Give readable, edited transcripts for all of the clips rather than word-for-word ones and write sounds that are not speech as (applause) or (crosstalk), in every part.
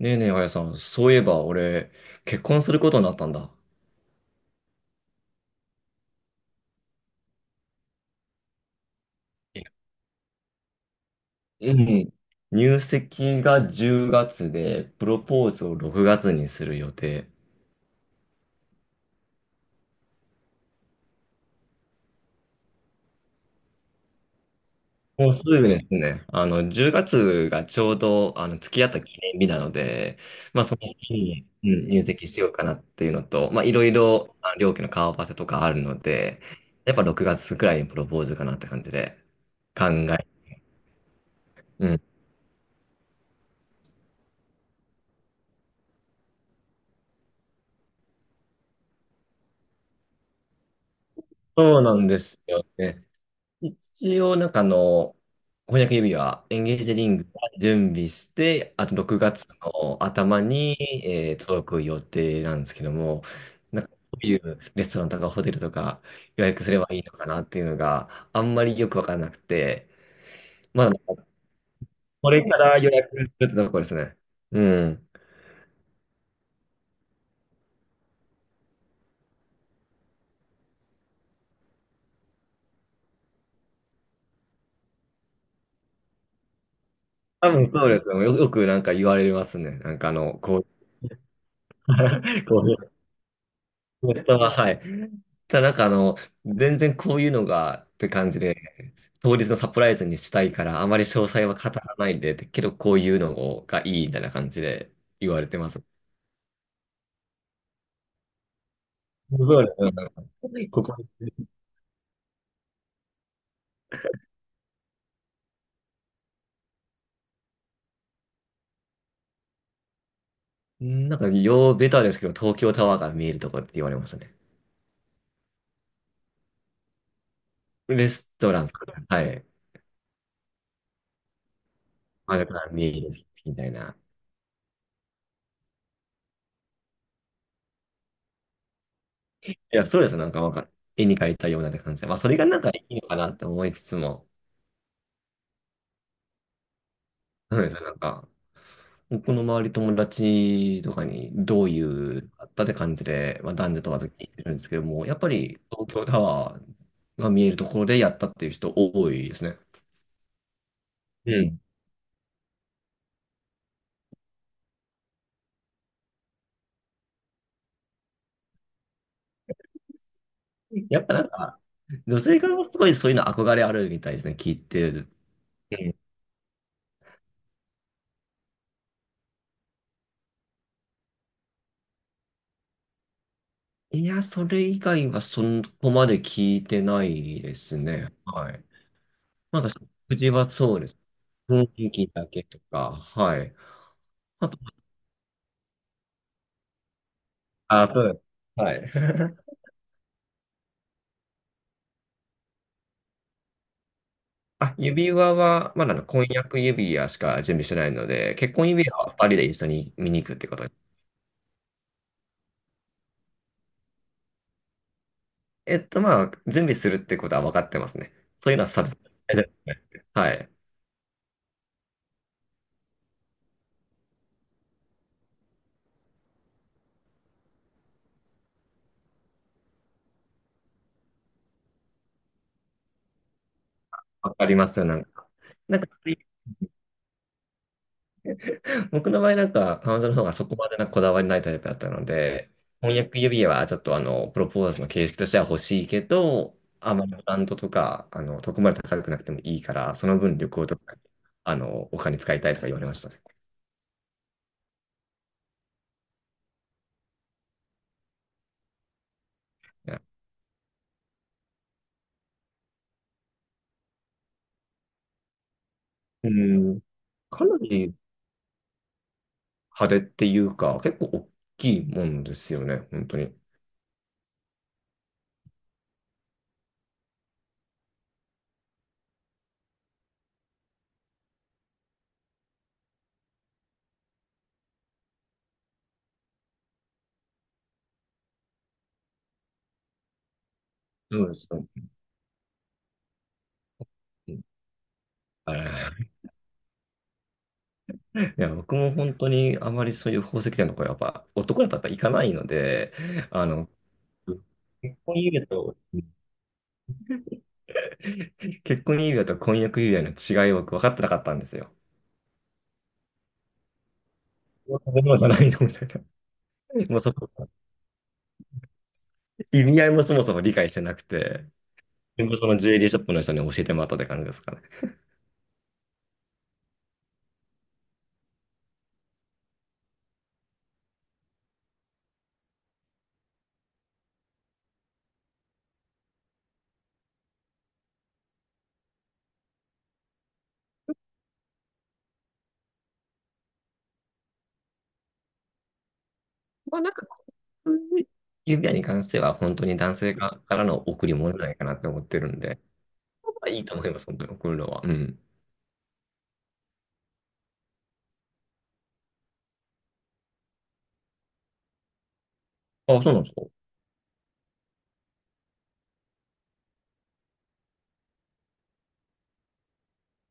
ねえねえ、あやさん、そういえば俺、結婚することになったんだ。えうん。入籍が10月で、プロポーズを6月にする予定。もうすぐですね。10月がつがちょうど、付き合った記念日なので、まあ、その日に、うん、入籍しようかなっていうのと、まあ、いろいろ、両家の顔合わせとかあるので、やっぱ6月くらいにプロポーズかなって感じで考え。うん。そうなんですよね。一応、なんか翻訳指輪、エンゲージリングは準備して、あと6月の頭に、届く予定なんですけども、なんかどういうレストランとかホテルとか予約すればいいのかなっていうのがあんまりよくわからなくて、まだなんかこれから予約するってとこですね。うん。多分そうですよ。よくなんか言われますね。なんかこう、(laughs) こういうは、はい。ただなんか全然こういうのがって感じで、当日のサプライズにしたいから、あまり詳細は語らないで、けどこういうのがいいみたいな感じで言われてます。そうですねなんかこなんか、ようベタですけど、東京タワーが見えるとこって言われましたね。レストラン、はい。あれから見えるみたいな。いや、そうです。なんか、絵に描いたようなって感じで。まあ、それがなんかいいのかなって思いつつも、そうです。なんか、僕の周り友達とかにどういうあったって感じで、まあ、男女問わず聞いてるんですけども、やっぱり東京タワーが見えるところでやったっていう人多いですね。うん。やっぱなんか、女性からもすごいそういうの憧れあるみたいですね、聞いてる。うん。いや、それ以外はそこまで聞いてないですね。はい。なんか食事はそうです。雰囲気だけとか、はい。あと、あ、そうです。はい。(laughs) あ、指輪は、まだ婚約指輪しか準備してないので、結婚指輪はパリで一緒に見に行くってことに。まあ、準備するってことは分かってますね。そういうのはサブスク (laughs) はい。分かりますよ、なんか。なんか、僕の場合なんか、彼女の方がそこまでなんかこだわりないタイプだったので、婚約指輪はちょっとプロポーズの形式としては欲しいけど、あまりブランドとか、そこまで高くなくてもいいから、その分旅行とか、お金使いたいとか言われましたね。うん。かなり派手っていうか、結構大きいもんですよね、本当に。そうですね。うん。あれ (laughs) いや、僕も本当にあまりそういう宝石店のとこやっぱ男だとやっぱ行かないので、あの、結婚指輪と、結婚指輪と婚約指輪の違いを僕分かってなかったんですよ。こういうものじゃないのみたいな。もうそこ、意味合いもそもそも理解してなくて、でもそのジュエリーショップの人に教えてもらったって感じですかね。まあなんか、指輪に関しては本当に男性側からの贈り物じゃないかなって思ってるんで、まあ、いいと思います、本当に贈るのは。うん。あ、そうなんですか。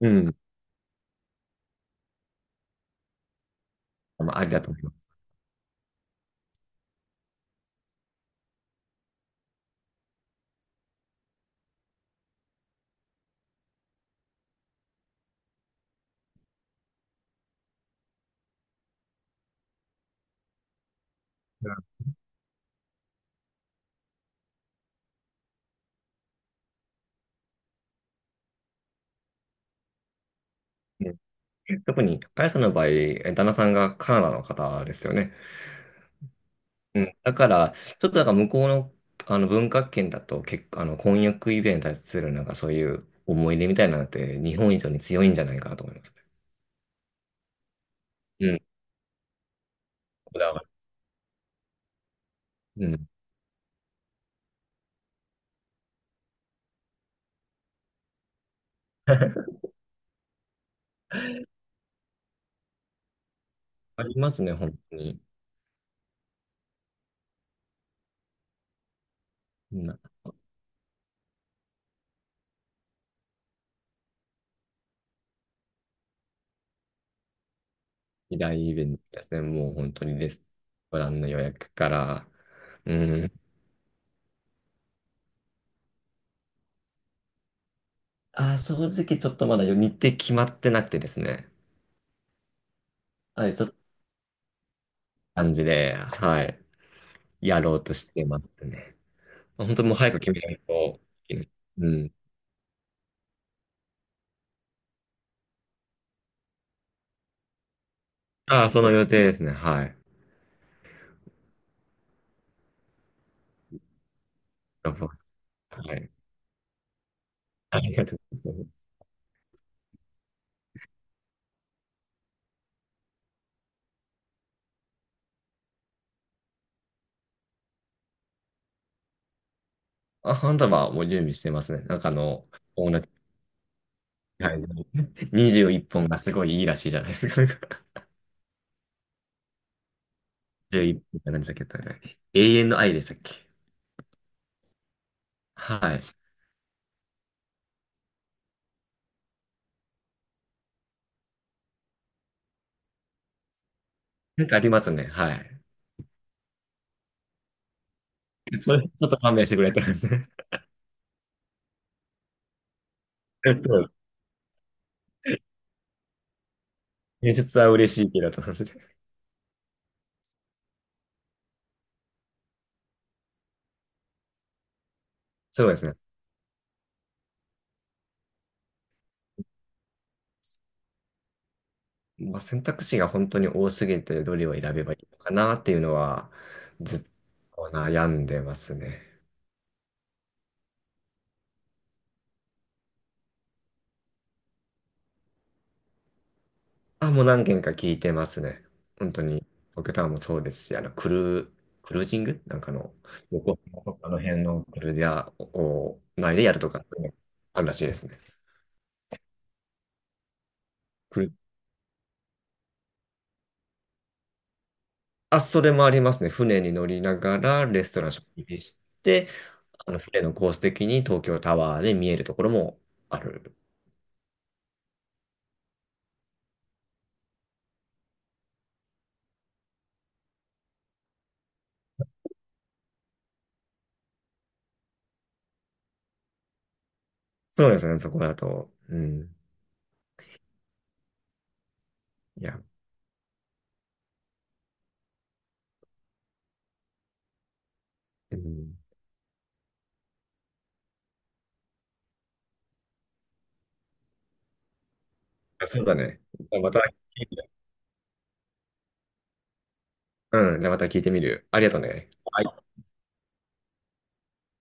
うん。まあ、ありだと思います。うん。うん。特に、あやさんの場合、旦那さんがカナダの方ですよね。うん。だから、ちょっとなんか向こうの、あの文化圏だと結構、あの婚約指輪に対するなんかそういう思い入れみたいなのって日本以上に強いんじゃないかなと思います。うん。こだわり。うん。(laughs) ありますね、本当に。うん。二大イベントですね。もう本当にレストランの予約から、うん。正直ちょっとまだ日程決まってなくてですね。はい、ちょっと感じで、はい、やろうとしてますね。本当もう早く決めないといけない。うん。ああ、その予定ですね。はい。ラフォースはい。ありがとうございます。あ、花束はもう準備してますね。なんか友達、はい、21本がすごいいいらしいじゃないですか。(laughs) 11本っぽんって何でしたっけ？永遠の愛でしたっけ？はい。なんかありますね。はい。それ、ちょっと勘弁してくれって話ね。(laughs) えっと演出は嬉しいけどって話で。そうですね。まあ、選択肢が本当に多すぎて、どれを選べばいいのかなっていうのは、ずっと悩んでますね。あ、もう何件か聞いてますね。本当に、僕タワーもそうですし、クルージングなんかの、横浜とかの辺のクルーザーを前でやるとか、あるらしいですね。クルあ、それもありますね。船に乗りながら、レストラン食事して、船のコース的に東京タワーで見えるところもある。そうですね、そこだと。うん。いや、うん。そうだね。じゃあまた聞いて、うん、じゃあまた聞いてみる。ありがとうね。